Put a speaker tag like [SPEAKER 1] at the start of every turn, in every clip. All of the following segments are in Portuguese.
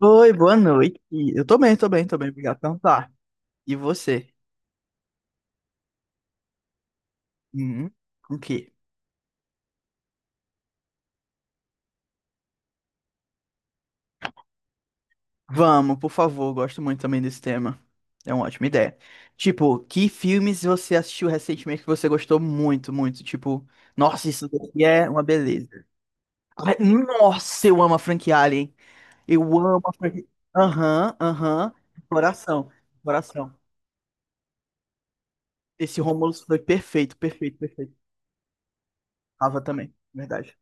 [SPEAKER 1] Oi, boa noite. Eu tô bem, tô bem, obrigado por perguntar. E você? Hum, com o quê? Vamos, por favor, gosto muito também desse tema. É uma ótima ideia. Tipo, que filmes você assistiu recentemente que você gostou muito? Tipo, nossa, isso daqui é uma beleza. Ai, nossa, eu amo a franquia Alien. Eu amo a franquia. Aham, aham. Coração, coração. Esse Romulus foi perfeito, perfeito. Tava também, verdade.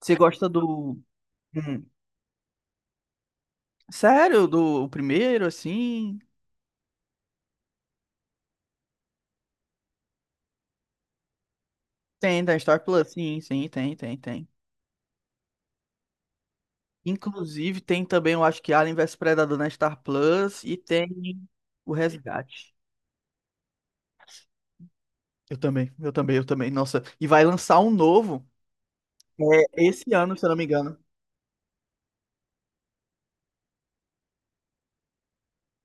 [SPEAKER 1] Você gosta do. Hum, Sério, do o primeiro, assim? Tem, da Star Plus, sim, sim, tem, tem. Inclusive, tem também, eu acho que Alien vs Predador na Star Plus e tem o Resgate. Eu também, eu também. Nossa, e vai lançar um novo é, esse ano, se eu não me engano.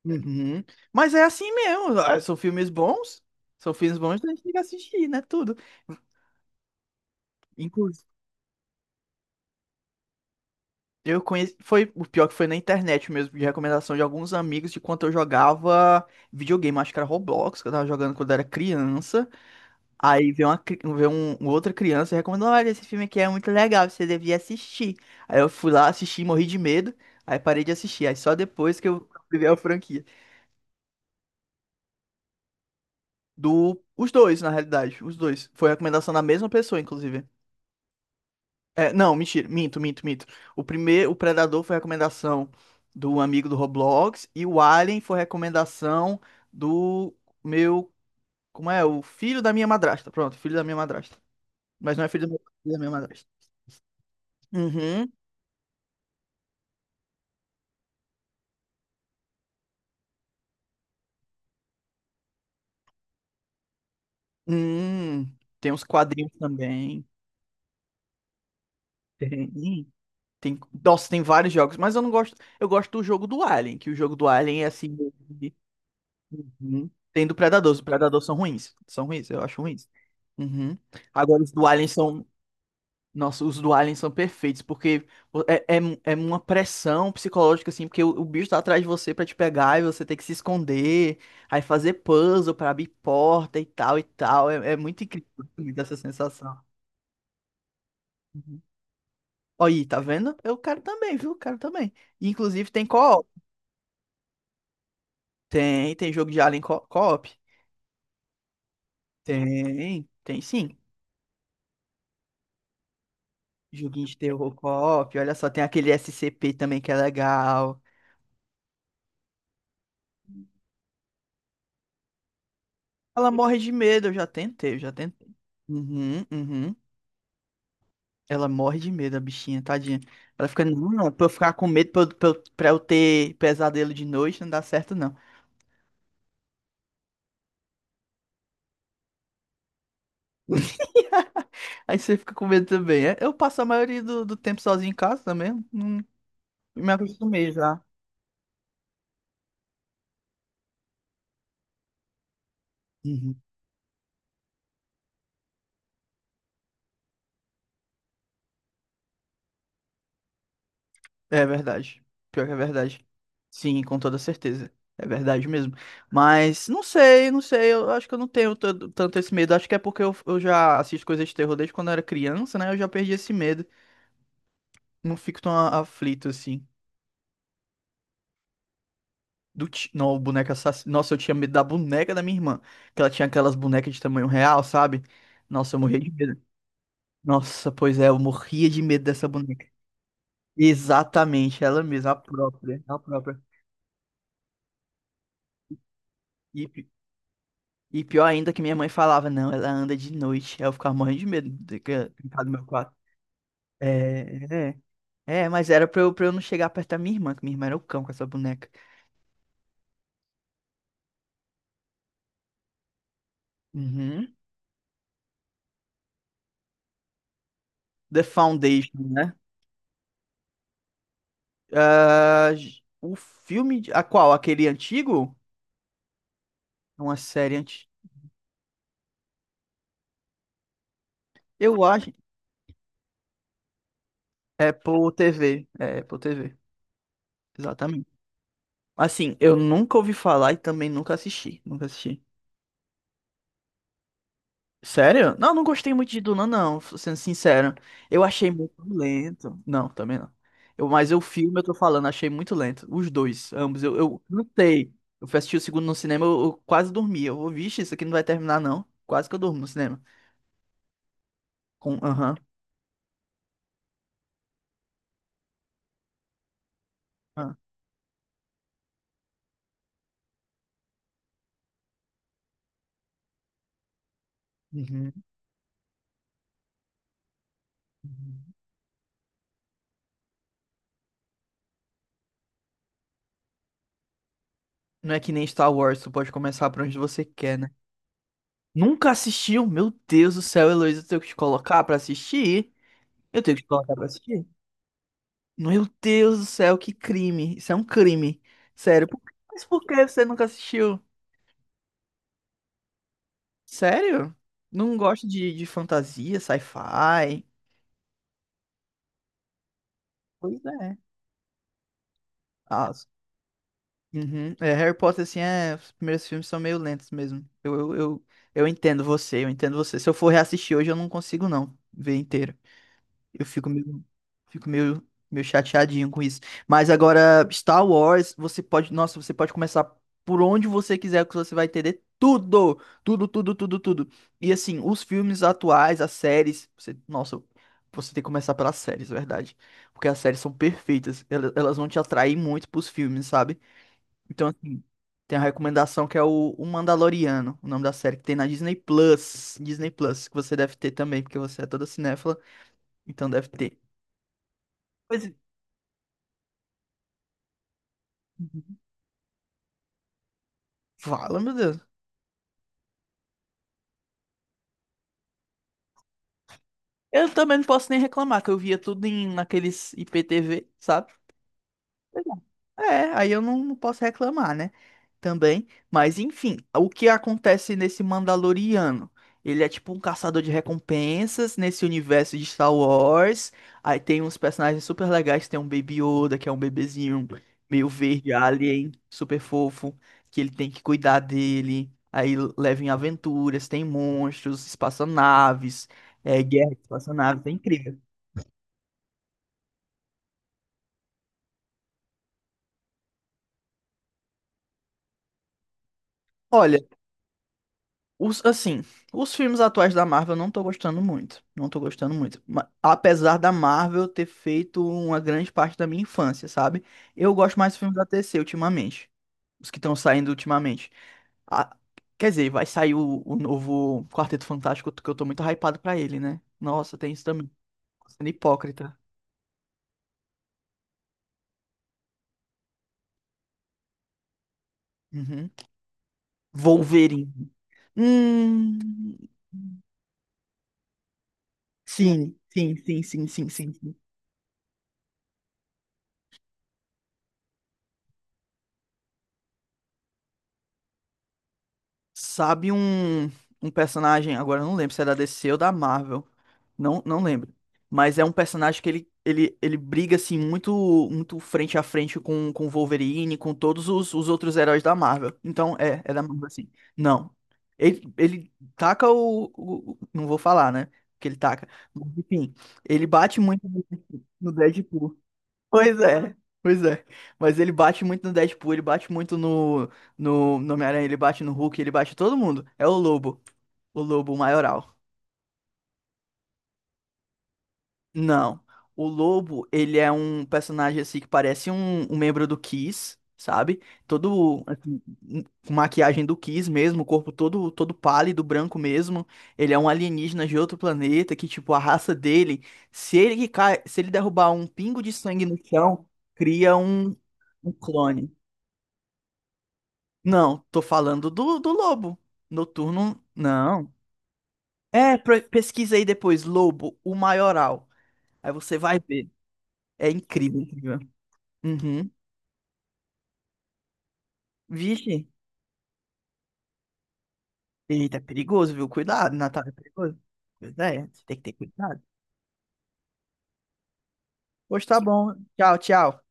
[SPEAKER 1] Uhum. Mas é assim mesmo, ah, são filmes bons, a gente tem que assistir, né? Tudo. Eu conheci. Foi o pior que foi na internet mesmo, de recomendação de alguns amigos de quando eu jogava videogame, acho que era Roblox, que eu tava jogando quando eu era criança. Aí veio veio uma outra criança e recomendou: olha, esse filme aqui é muito legal, você devia assistir. Aí eu fui lá, assisti, morri de medo, aí parei de assistir. Aí só depois que eu vi a franquia. Do, os dois, na realidade, os dois. Foi recomendação da mesma pessoa, inclusive. É, não, mentira, minto, minto. O primeiro, o Predador foi recomendação do amigo do Roblox e o Alien foi recomendação do meu, como é? O filho da minha madrasta. Pronto, filho da minha madrasta. Mas não é filho da minha madrasta. Uhum. Hum, tem uns quadrinhos também. Tem. Tem, nossa, tem vários jogos, mas eu não gosto. Eu gosto do jogo do Alien, que o jogo do Alien é assim, meio que- uhum. Tem do Predador. Os Predador são ruins. São ruins, eu acho ruins. Uhum. Agora os do Alien são. Nossa, os do Alien são perfeitos, porque é, é, é uma pressão psicológica, assim, porque o bicho tá atrás de você pra te pegar e você tem que se esconder, aí fazer puzzle pra abrir porta e tal e tal. É, é muito incrível essa sensação. Uhum. Aí, tá vendo? Eu quero também, viu? Quero também. E, inclusive tem co-op. Tem, tem jogo de Alien co-op. Tem, tem sim. Joguinho de terror co-op. Olha só, tem aquele SCP também que é legal. Ela morre de medo, eu já tentei. Uhum, uhum. Ela morre de medo, a bichinha, tadinha. Ela fica, não, não, pra eu ficar com medo, pra eu ter pesadelo de noite, não dá certo, não. Aí você fica com medo também, é? Eu passo a maioria do tempo sozinho em casa também, não, me acostumei já. Uhum. É verdade. Pior que é verdade. Sim, com toda certeza. É verdade mesmo. Mas não sei. Eu acho que eu não tenho tanto esse medo. Acho que é porque eu já assisto coisas de terror desde quando eu era criança, né? Eu já perdi esse medo. Não fico tão aflito assim. Não, o boneco. Nossa, eu tinha medo da boneca da minha irmã. Que ela tinha aquelas bonecas de tamanho real, sabe? Nossa, eu morria de medo. Nossa, pois é, eu morria de medo dessa boneca. Exatamente, ela mesma, a própria. E, pi- e pior ainda que minha mãe falava, não, ela anda de noite. Aí eu ficava morrendo de medo de ficar no meu quarto. É, é. É, mas era pra eu não chegar perto da minha irmã, que minha irmã era o cão com essa boneca. Uhum. The Foundation, né? Ah, o filme. A qual? Aquele antigo? É uma série antes. Eu acho. É Apple TV. É Apple TV. Exatamente. Assim, eu nunca ouvi falar e também nunca assisti. Nunca assisti. Sério? Não, não gostei muito de Duna, não, sendo sincero. Eu achei muito lento. Não, também não. Eu, mas o filme, eu tô falando, achei muito lento. Os dois, ambos. Eu lutei. Eu fui assistir o segundo no cinema, eu quase dormi. Eu, vixe, isso aqui não vai terminar, não. Quase que eu durmo no cinema. Com, aham. Ah, uhum, uhum. Não é que nem Star Wars, tu pode começar por onde você quer, né? Nunca assistiu? Meu Deus do céu, Heloísa, eu tenho que te colocar pra assistir? Eu tenho que te colocar pra assistir? Meu Deus do céu, que crime. Isso é um crime. Sério, por- mas por que você nunca assistiu? Sério? Não gosta de fantasia, sci-fi? Pois é. Ah, uhum. É, Harry Potter, assim, é, os primeiros filmes são meio lentos mesmo. Eu entendo você, eu entendo você. Se eu for reassistir hoje, eu não consigo não ver inteiro. Eu fico meio, fico meio chateadinho com isso. Mas agora, Star Wars, você pode, nossa, você pode começar por onde você quiser, que você vai entender tudo, tudo. E assim, os filmes atuais, as séries, você, nossa, você tem que começar pelas séries, é verdade? Porque as séries são perfeitas, elas vão te atrair muito pros filmes, sabe? Então, assim, tem a recomendação que é o Mandaloriano, o nome da série que tem na Disney Plus, Disney Plus, que você deve ter também, porque você é toda cinéfila, então deve ter. Pois é. Fala, meu Deus. Eu também não posso nem reclamar, que eu via tudo em, naqueles IPTV, sabe? Pois é, é, aí eu não, não posso reclamar, né? Também, mas enfim, o que acontece nesse Mandaloriano? Ele é tipo um caçador de recompensas nesse universo de Star Wars. Aí tem uns personagens super legais, tem um Baby Yoda, que é um bebezinho meio verde alien, super fofo, que ele tem que cuidar dele. Aí leva em aventuras, tem monstros, espaçonaves, é, guerra de espaçonaves, é incrível. Olha, os, assim, os filmes atuais da Marvel eu não tô gostando muito. Não tô gostando muito. Apesar da Marvel ter feito uma grande parte da minha infância, sabe? Eu gosto mais dos filmes da T C ultimamente. Os que estão saindo ultimamente. Ah, quer dizer, vai sair o novo Quarteto Fantástico, que eu tô muito hypado pra ele, né? Nossa, tem isso também. Sendo hipócrita. Uhum. Wolverine. Hum. Sim, sim, sim, sim, sim, sim, sim. Sabe um, um personagem, agora eu não lembro se é da DC ou da Marvel. Não, não lembro. Mas é um personagem que ele briga assim muito muito frente a frente com o Wolverine, com todos os outros heróis da Marvel. Então é, é da Marvel assim. Não. Ele taca não vou falar, né? Que ele taca. Mas, enfim, ele bate muito no no Deadpool. Pois é, pois é. Mas ele bate muito no Deadpool, ele bate muito no Homem-Aranha, ele bate no Hulk, ele bate todo mundo. É o Lobo maioral. Não, o Lobo, ele é um personagem assim que parece um membro do Kiss, sabe? Todo, assim, com maquiagem do Kiss mesmo, o corpo todo, todo pálido, branco mesmo. Ele é um alienígena de outro planeta que, tipo, a raça dele, se ele derrubar um pingo de sangue no chão, cria um, um clone. Não, tô falando do lobo. Noturno, não. É, pesquisa aí depois, lobo, o maioral. Aí você vai ver. É incrível, incrível. Uhum. Vixe. Eita, é perigoso, viu? Cuidado, Natália, é perigoso. Pois é, você tem que ter cuidado. Pois tá bom. Tchau, tchau.